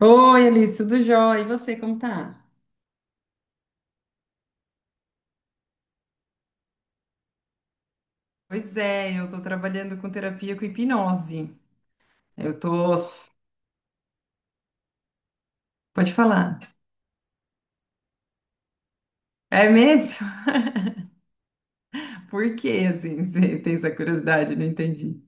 Oi, Alice, tudo jóia? E você, como tá? Pois é, eu tô trabalhando com terapia com hipnose. Eu tô. Pode falar. É mesmo? Por que, assim, você tem essa curiosidade? Não entendi.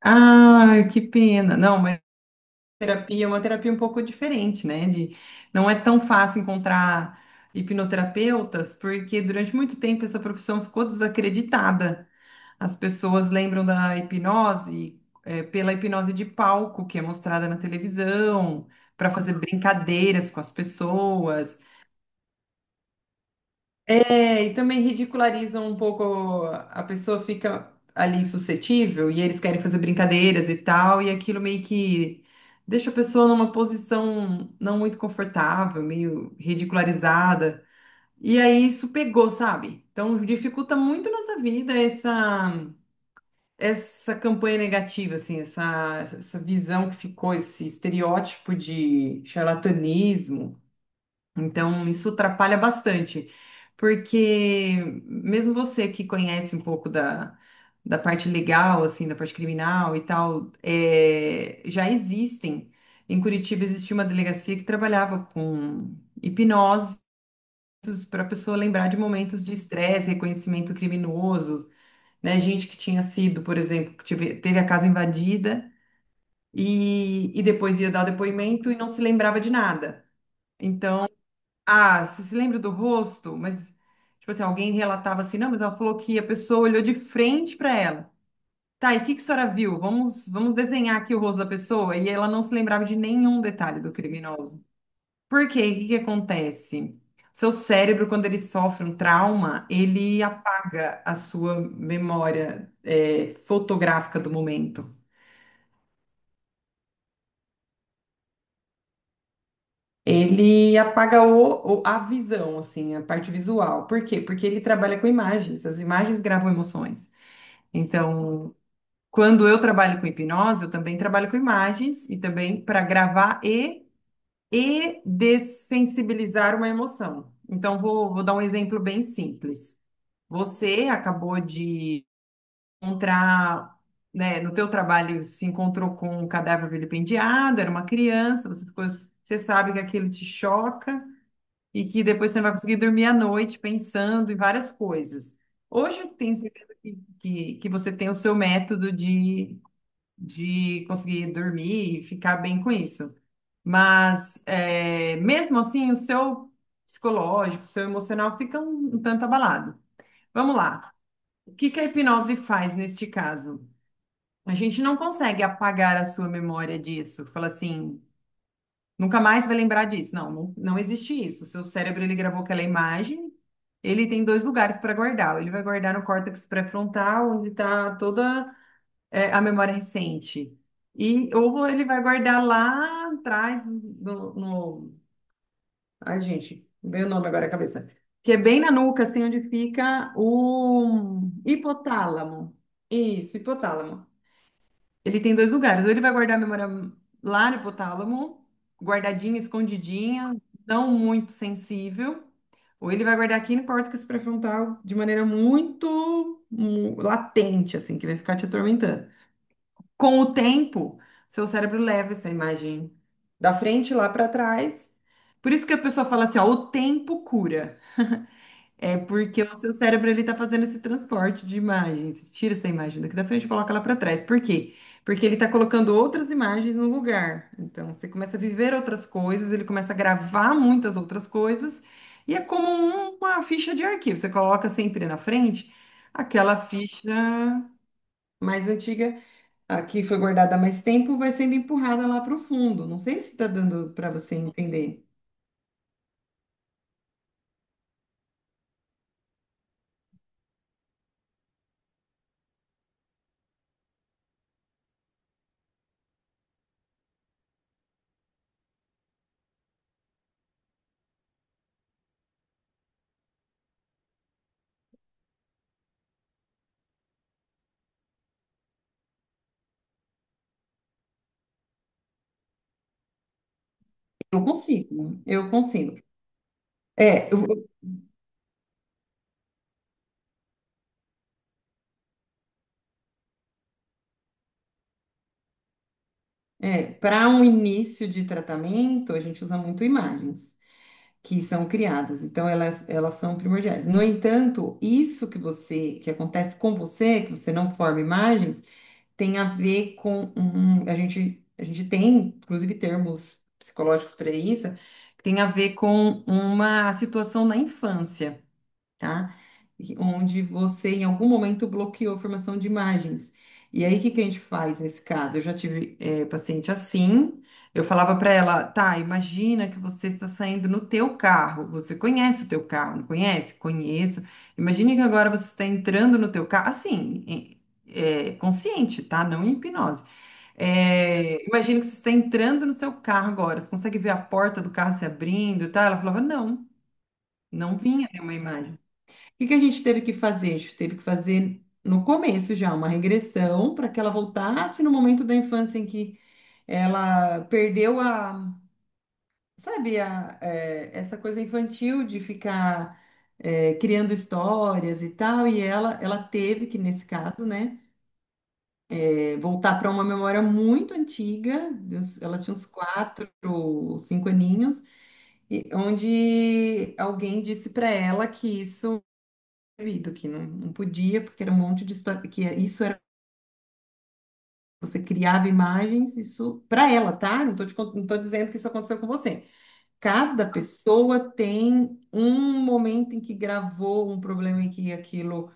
Ah, que pena. Não, mas terapia é uma terapia um pouco diferente, né? De... Não é tão fácil encontrar hipnoterapeutas, porque durante muito tempo essa profissão ficou desacreditada. As pessoas lembram da hipnose, pela hipnose de palco que é mostrada na televisão, para fazer brincadeiras com as pessoas. É, e também ridicularizam um pouco, a pessoa fica ali suscetível e eles querem fazer brincadeiras e tal, e aquilo meio que deixa a pessoa numa posição não muito confortável, meio ridicularizada. E aí isso pegou, sabe? Então dificulta muito nossa vida essa campanha negativa, assim, essa visão que ficou, esse estereótipo de charlatanismo. Então, isso atrapalha bastante, porque mesmo você que conhece um pouco da parte legal, assim, da parte criminal e tal, é, já existem. Em Curitiba existia uma delegacia que trabalhava com hipnoses para a pessoa lembrar de momentos de estresse, reconhecimento criminoso, né? Gente que tinha sido, por exemplo, teve a casa invadida e depois ia dar o depoimento e não se lembrava de nada. Então, ah, você se lembra do rosto? Mas, tipo assim, alguém relatava assim, não, mas ela falou que a pessoa olhou de frente para ela. Tá, e o que que a senhora viu? Vamos, vamos desenhar aqui o rosto da pessoa. E ela não se lembrava de nenhum detalhe do criminoso. Por quê? O que que acontece? Seu cérebro, quando ele sofre um trauma, ele apaga a sua memória, é, fotográfica do momento. Ele apaga a visão, assim, a parte visual. Por quê? Porque ele trabalha com imagens. As imagens gravam emoções. Então, quando eu trabalho com hipnose, eu também trabalho com imagens e também para gravar e dessensibilizar uma emoção. Então, vou dar um exemplo bem simples. Você acabou de encontrar, né, no teu trabalho se encontrou com um cadáver vilipendiado, era uma criança, você ficou, você sabe que aquilo te choca e que depois você não vai conseguir dormir à noite pensando em várias coisas. Hoje eu tenho certeza que você tem o seu método de conseguir dormir e ficar bem com isso. Mas é, mesmo assim, o seu psicológico, o seu emocional fica um tanto abalado. Vamos lá. O que que a hipnose faz neste caso? A gente não consegue apagar a sua memória disso. Fala assim, nunca mais vai lembrar disso. Não, não, não existe isso. O seu cérebro, ele gravou aquela imagem, ele tem dois lugares para guardar. Ele vai guardar no córtex pré-frontal, onde está toda a memória recente. E, ou ele vai guardar lá atrás, ai, gente, veio o nome agora à cabeça. Que é bem na nuca, assim, onde fica o hipotálamo. Isso, hipotálamo. Ele tem dois lugares. Ou ele vai guardar a memória lá no hipotálamo, guardadinha, escondidinha, não muito sensível. Ou ele vai guardar aqui no córtex pré-frontal de maneira muito latente, assim, que vai ficar te atormentando. Com o tempo, seu cérebro leva essa imagem da frente lá para trás. Por isso que a pessoa fala assim, ó, o tempo cura. É porque o seu cérebro ele tá fazendo esse transporte de imagens. Tira essa imagem daqui da frente e coloca ela para trás. Por quê? Porque ele tá colocando outras imagens no lugar. Então, você começa a viver outras coisas, ele começa a gravar muitas outras coisas. E é como uma ficha de arquivo. Você coloca sempre na frente aquela ficha mais antiga a que foi guardada há mais tempo vai sendo empurrada lá para o fundo. Não sei se está dando para você entender. Eu consigo. Eu consigo. É, eu- é, para um início de tratamento, a gente usa muito imagens que são criadas, então elas são primordiais. No entanto, isso que acontece com você, que você não forma imagens, tem a ver com um, a gente tem, inclusive, termos psicológicos para isso, que tem a ver com uma situação na infância. Tá? E onde você, em algum momento, bloqueou a formação de imagens. E aí, o que que a gente faz nesse caso? Eu já tive paciente assim, eu falava para ela, tá, imagina que você está saindo no teu carro, você conhece o teu carro, não conhece? Conheço. Imagine que agora você está entrando no teu carro, assim, consciente, tá? Não em hipnose. Imagina que você está entrando no seu carro agora, você consegue ver a porta do carro se abrindo, tá? Ela falava, não, não vinha nenhuma imagem. O que que a gente teve que fazer? A gente teve que fazer no começo já uma regressão para que ela voltasse no momento da infância em que ela perdeu sabe, é, essa coisa infantil de ficar criando histórias e tal. E ela teve que, nesse caso, né, é, voltar para uma memória muito antiga. De uns- ela tinha uns quatro, cinco aninhos, onde alguém disse para ela que isso proibido, que não, não podia, porque era um monte de história, que é, isso era, você criava imagens, isso para ela, tá? Não tô dizendo que isso aconteceu com você. Cada pessoa tem um momento em que gravou um problema e que aquilo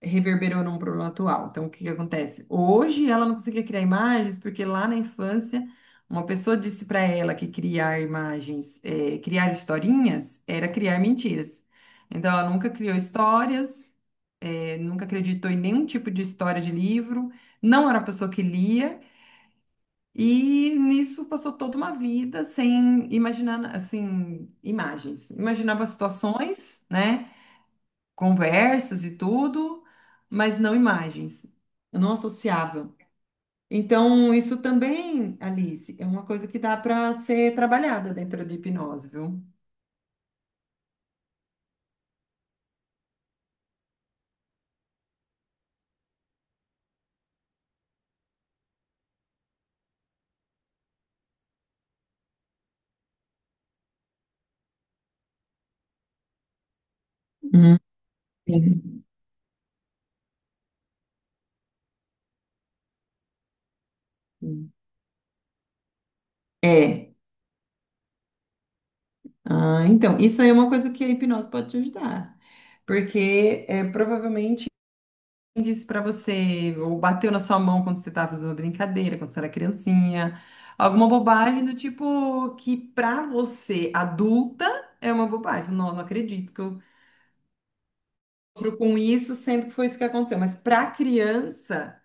reverberou num problema atual. Então, o que que acontece? Hoje ela não conseguia criar imagens porque lá na infância uma pessoa disse para ela que criar imagens, criar historinhas era criar mentiras. Então, ela nunca criou histórias, ele nunca acreditou em nenhum tipo de história de livro, não era a pessoa que lia, e nisso passou toda uma vida sem imaginar, assim, imagens. Imaginava situações, né, conversas e tudo, mas não imagens. Eu não associava. Então, isso também, Alice, é uma coisa que dá para ser trabalhada dentro de hipnose, viu? Hum, sim. É. Ah, então, isso aí é uma coisa que a hipnose pode te ajudar. Porque é, provavelmente quem disse pra você, ou bateu na sua mão quando você estava fazendo uma brincadeira, quando você era criancinha, alguma bobagem do tipo que pra você, adulta, é uma bobagem. Não, não acredito que eu lembro com isso, sendo que foi isso que aconteceu. Mas pra criança.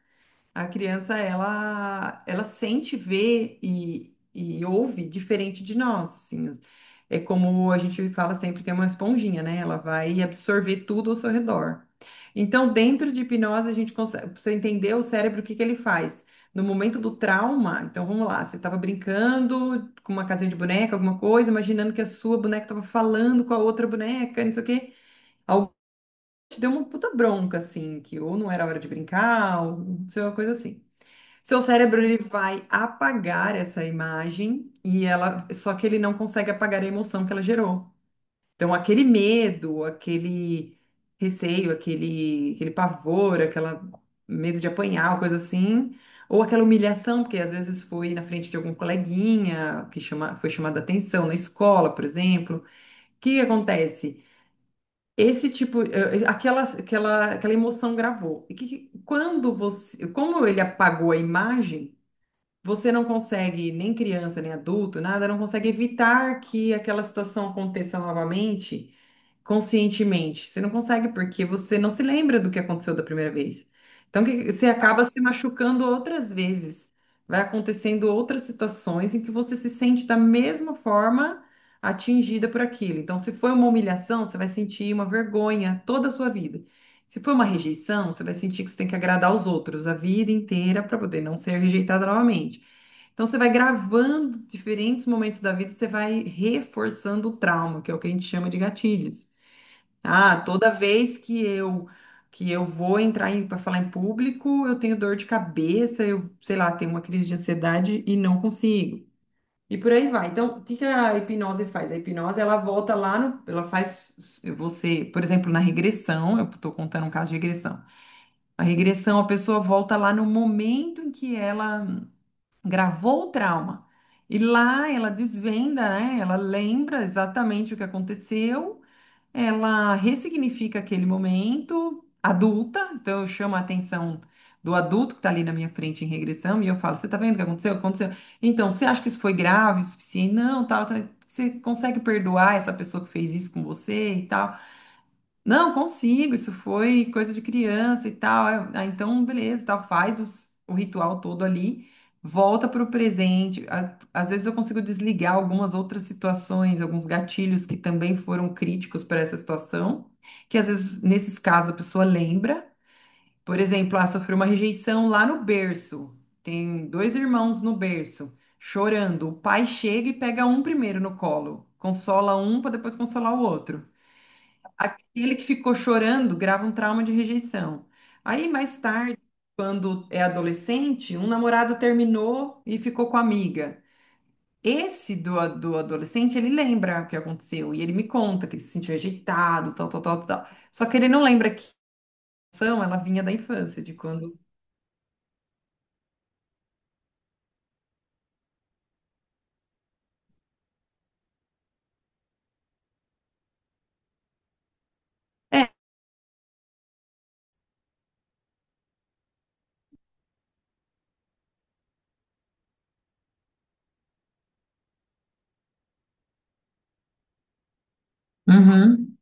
A criança, ela sente, vê e ouve diferente de nós, assim. É como a gente fala sempre que é uma esponjinha, né? Ela vai absorver tudo ao seu redor. Então, dentro de hipnose, a gente consegue, pra você entender o cérebro, o que que ele faz? No momento do trauma, então vamos lá, você estava brincando com uma casinha de boneca, alguma coisa, imaginando que a sua boneca estava falando com a outra boneca, não sei o quê. Alguém te deu uma puta bronca, assim, que ou não era hora de brincar, ou não sei, uma coisa assim. Seu cérebro ele vai apagar essa imagem e ela, só que ele não consegue apagar a emoção que ela gerou. Então, aquele medo, aquele receio, aquele pavor, aquela medo de apanhar, coisa assim, ou aquela humilhação, porque às vezes foi na frente de algum coleguinha que chama, foi chamada atenção na escola, por exemplo. O que que acontece? Esse tipo, aquela emoção gravou. E quando você, como ele apagou a imagem você não consegue, nem criança, nem adulto, nada, não consegue evitar que aquela situação aconteça novamente conscientemente. Você não consegue porque você não se lembra do que aconteceu da primeira vez. Então, você acaba se machucando outras vezes. Vai acontecendo outras situações em que você se sente da mesma forma atingida por aquilo. Então, se foi uma humilhação, você vai sentir uma vergonha toda a sua vida. Se for uma rejeição, você vai sentir que você tem que agradar aos outros a vida inteira para poder não ser rejeitada novamente. Então você vai gravando diferentes momentos da vida, você vai reforçando o trauma, que é o que a gente chama de gatilhos. Ah, toda vez que eu vou entrar para falar em público, eu tenho dor de cabeça, eu, sei lá, tenho uma crise de ansiedade e não consigo. E por aí vai. Então, o que que a hipnose faz? A hipnose, ela volta lá no, ela faz você, por exemplo, na regressão, eu estou contando um caso de regressão. A regressão, a pessoa volta lá no momento em que ela gravou o trauma. E lá ela desvenda, né? Ela lembra exatamente o que aconteceu, ela ressignifica aquele momento adulta, então eu chamo a atenção do adulto que está ali na minha frente em regressão e eu falo: Você tá vendo o que aconteceu? Aconteceu. Então, você acha que isso foi grave o suficiente? Não, tal, tal. Você consegue perdoar essa pessoa que fez isso com você e tal? Não, consigo, isso foi coisa de criança e tal. Aí, então, beleza, tal, faz o ritual todo ali, volta para o presente. Às vezes eu consigo desligar algumas outras situações, alguns gatilhos que também foram críticos para essa situação, que às vezes, nesses casos, a pessoa lembra. Por exemplo, sofreu uma rejeição lá no berço. Tem dois irmãos no berço, chorando. O pai chega e pega um primeiro no colo, consola um para depois consolar o outro. Ele que ficou chorando grava um trauma de rejeição. Aí, mais tarde, quando é adolescente, um namorado terminou e ficou com a amiga. Do adolescente, ele lembra o que aconteceu e ele me conta que ele se sentiu rejeitado, tal, tal, tal, tal. Só que ele não lembra que a rejeição, ela vinha da infância, de quando. Uhum.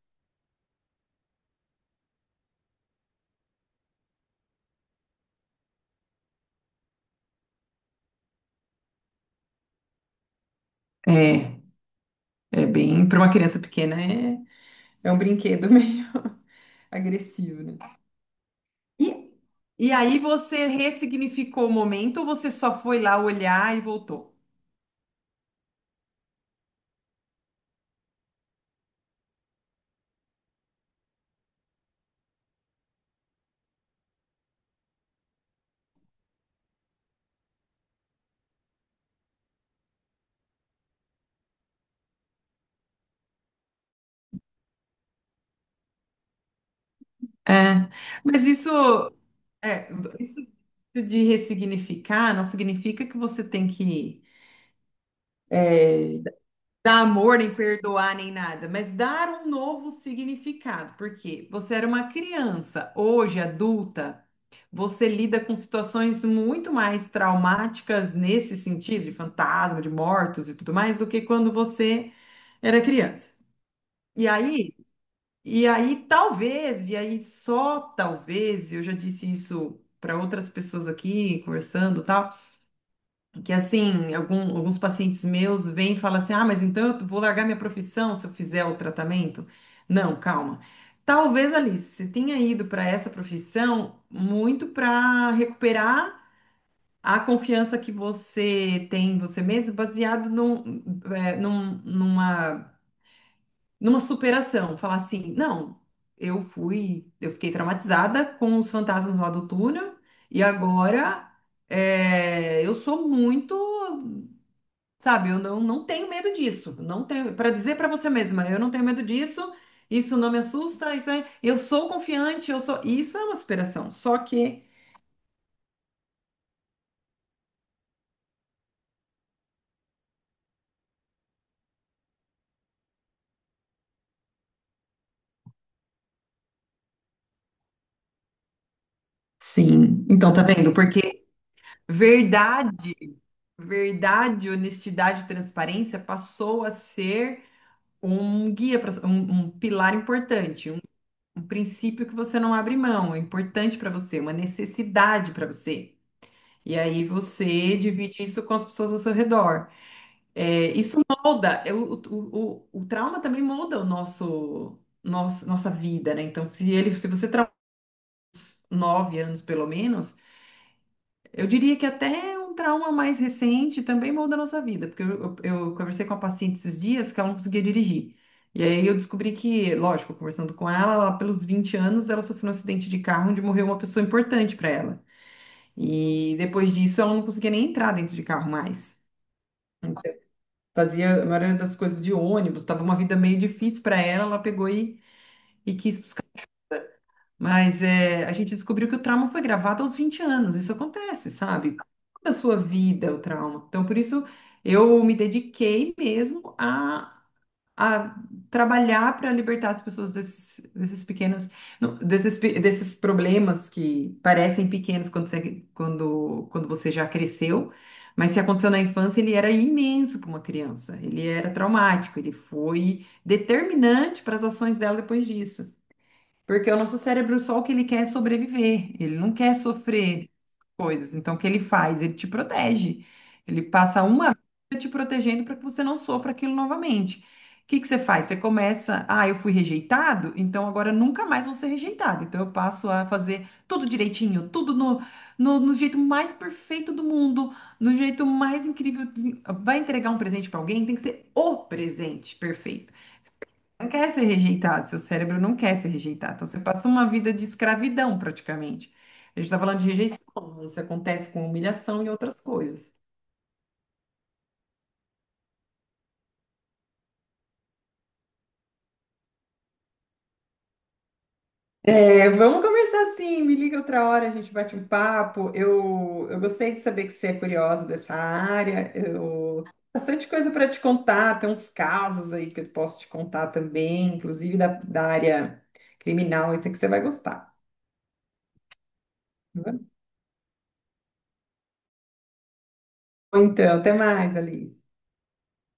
É, é bem. Para uma criança pequena, é, é um brinquedo meio agressivo, né? E, e aí você ressignificou o momento ou você só foi lá olhar e voltou? É, mas isso, é, isso de ressignificar não significa que você tem que é, dar amor, nem perdoar, nem nada, mas dar um novo significado, porque você era uma criança, hoje adulta, você lida com situações muito mais traumáticas nesse sentido, de fantasma, de mortos e tudo mais, do que quando você era criança. E aí. E aí, talvez, e aí só talvez, eu já disse isso para outras pessoas aqui, conversando, e tal, que assim, alguns pacientes meus vêm e falam assim: "Ah, mas então eu vou largar minha profissão se eu fizer o tratamento?". Não, calma. Talvez, Alice, você tenha ido para essa profissão muito para recuperar a confiança que você tem em você mesmo, baseado num, numa numa superação, falar assim, não, eu fui, eu fiquei traumatizada com os fantasmas lá do túnel e agora eu sou muito, sabe, eu não, não tenho medo disso, não tenho, para dizer para você mesma, eu não tenho medo disso, isso não me assusta, isso é, eu sou confiante, eu sou, isso é uma superação, só que sim, então tá vendo? Porque verdade, verdade, honestidade e transparência passou a ser um guia para um, um pilar importante, um princípio que você não abre mão, é importante para você, uma necessidade para você. E aí você divide isso com as pessoas ao seu redor. É, isso molda, é, o trauma também molda o nossa vida, né? Então, se ele, se você trauma 9 anos pelo menos. Eu diria que até um trauma mais recente também muda a nossa vida, porque eu conversei com a paciente esses dias que ela não conseguia dirigir. E aí eu descobri que, lógico, conversando com ela, lá pelos 20 anos ela sofreu um acidente de carro onde morreu uma pessoa importante para ela. E depois disso ela não conseguia nem entrar dentro de carro mais. Então, fazia a maioria das coisas de ônibus, tava uma vida meio difícil para ela, ela pegou e quis. Mas é, a gente descobriu que o trauma foi gravado aos 20 anos. Isso acontece, sabe? Toda a sua vida, é o trauma. Então, por isso, eu me dediquei mesmo a trabalhar para libertar as pessoas desses, desses pequenos, não, desses, desses problemas que parecem pequenos quando você, quando, quando você já cresceu. Mas se aconteceu na infância, ele era imenso para uma criança. Ele era traumático, ele foi determinante para as ações dela depois disso. Porque o nosso cérebro, é só o que ele quer é sobreviver, ele não quer sofrer coisas. Então, o que ele faz? Ele te protege. Ele passa uma vida te protegendo para que você não sofra aquilo novamente. O que que você faz? Você começa, ah, eu fui rejeitado, então agora eu nunca mais vou ser rejeitado. Então, eu passo a fazer tudo direitinho, tudo no, no jeito mais perfeito do mundo, no jeito mais incrível. Vai entregar um presente para alguém, tem que ser o presente perfeito, não quer ser rejeitado, seu cérebro não quer ser rejeitado. Então, você passou uma vida de escravidão, praticamente. A gente está falando de rejeição, isso acontece com humilhação e outras coisas. É, vamos conversar sim, me liga outra hora, a gente bate um papo. Eu gostei de saber que você é curiosa dessa área. Eu, bastante coisa para te contar, tem uns casos aí que eu posso te contar também, inclusive da, da área criminal, isso que você vai gostar. Tá bom? Então, até mais, Alice.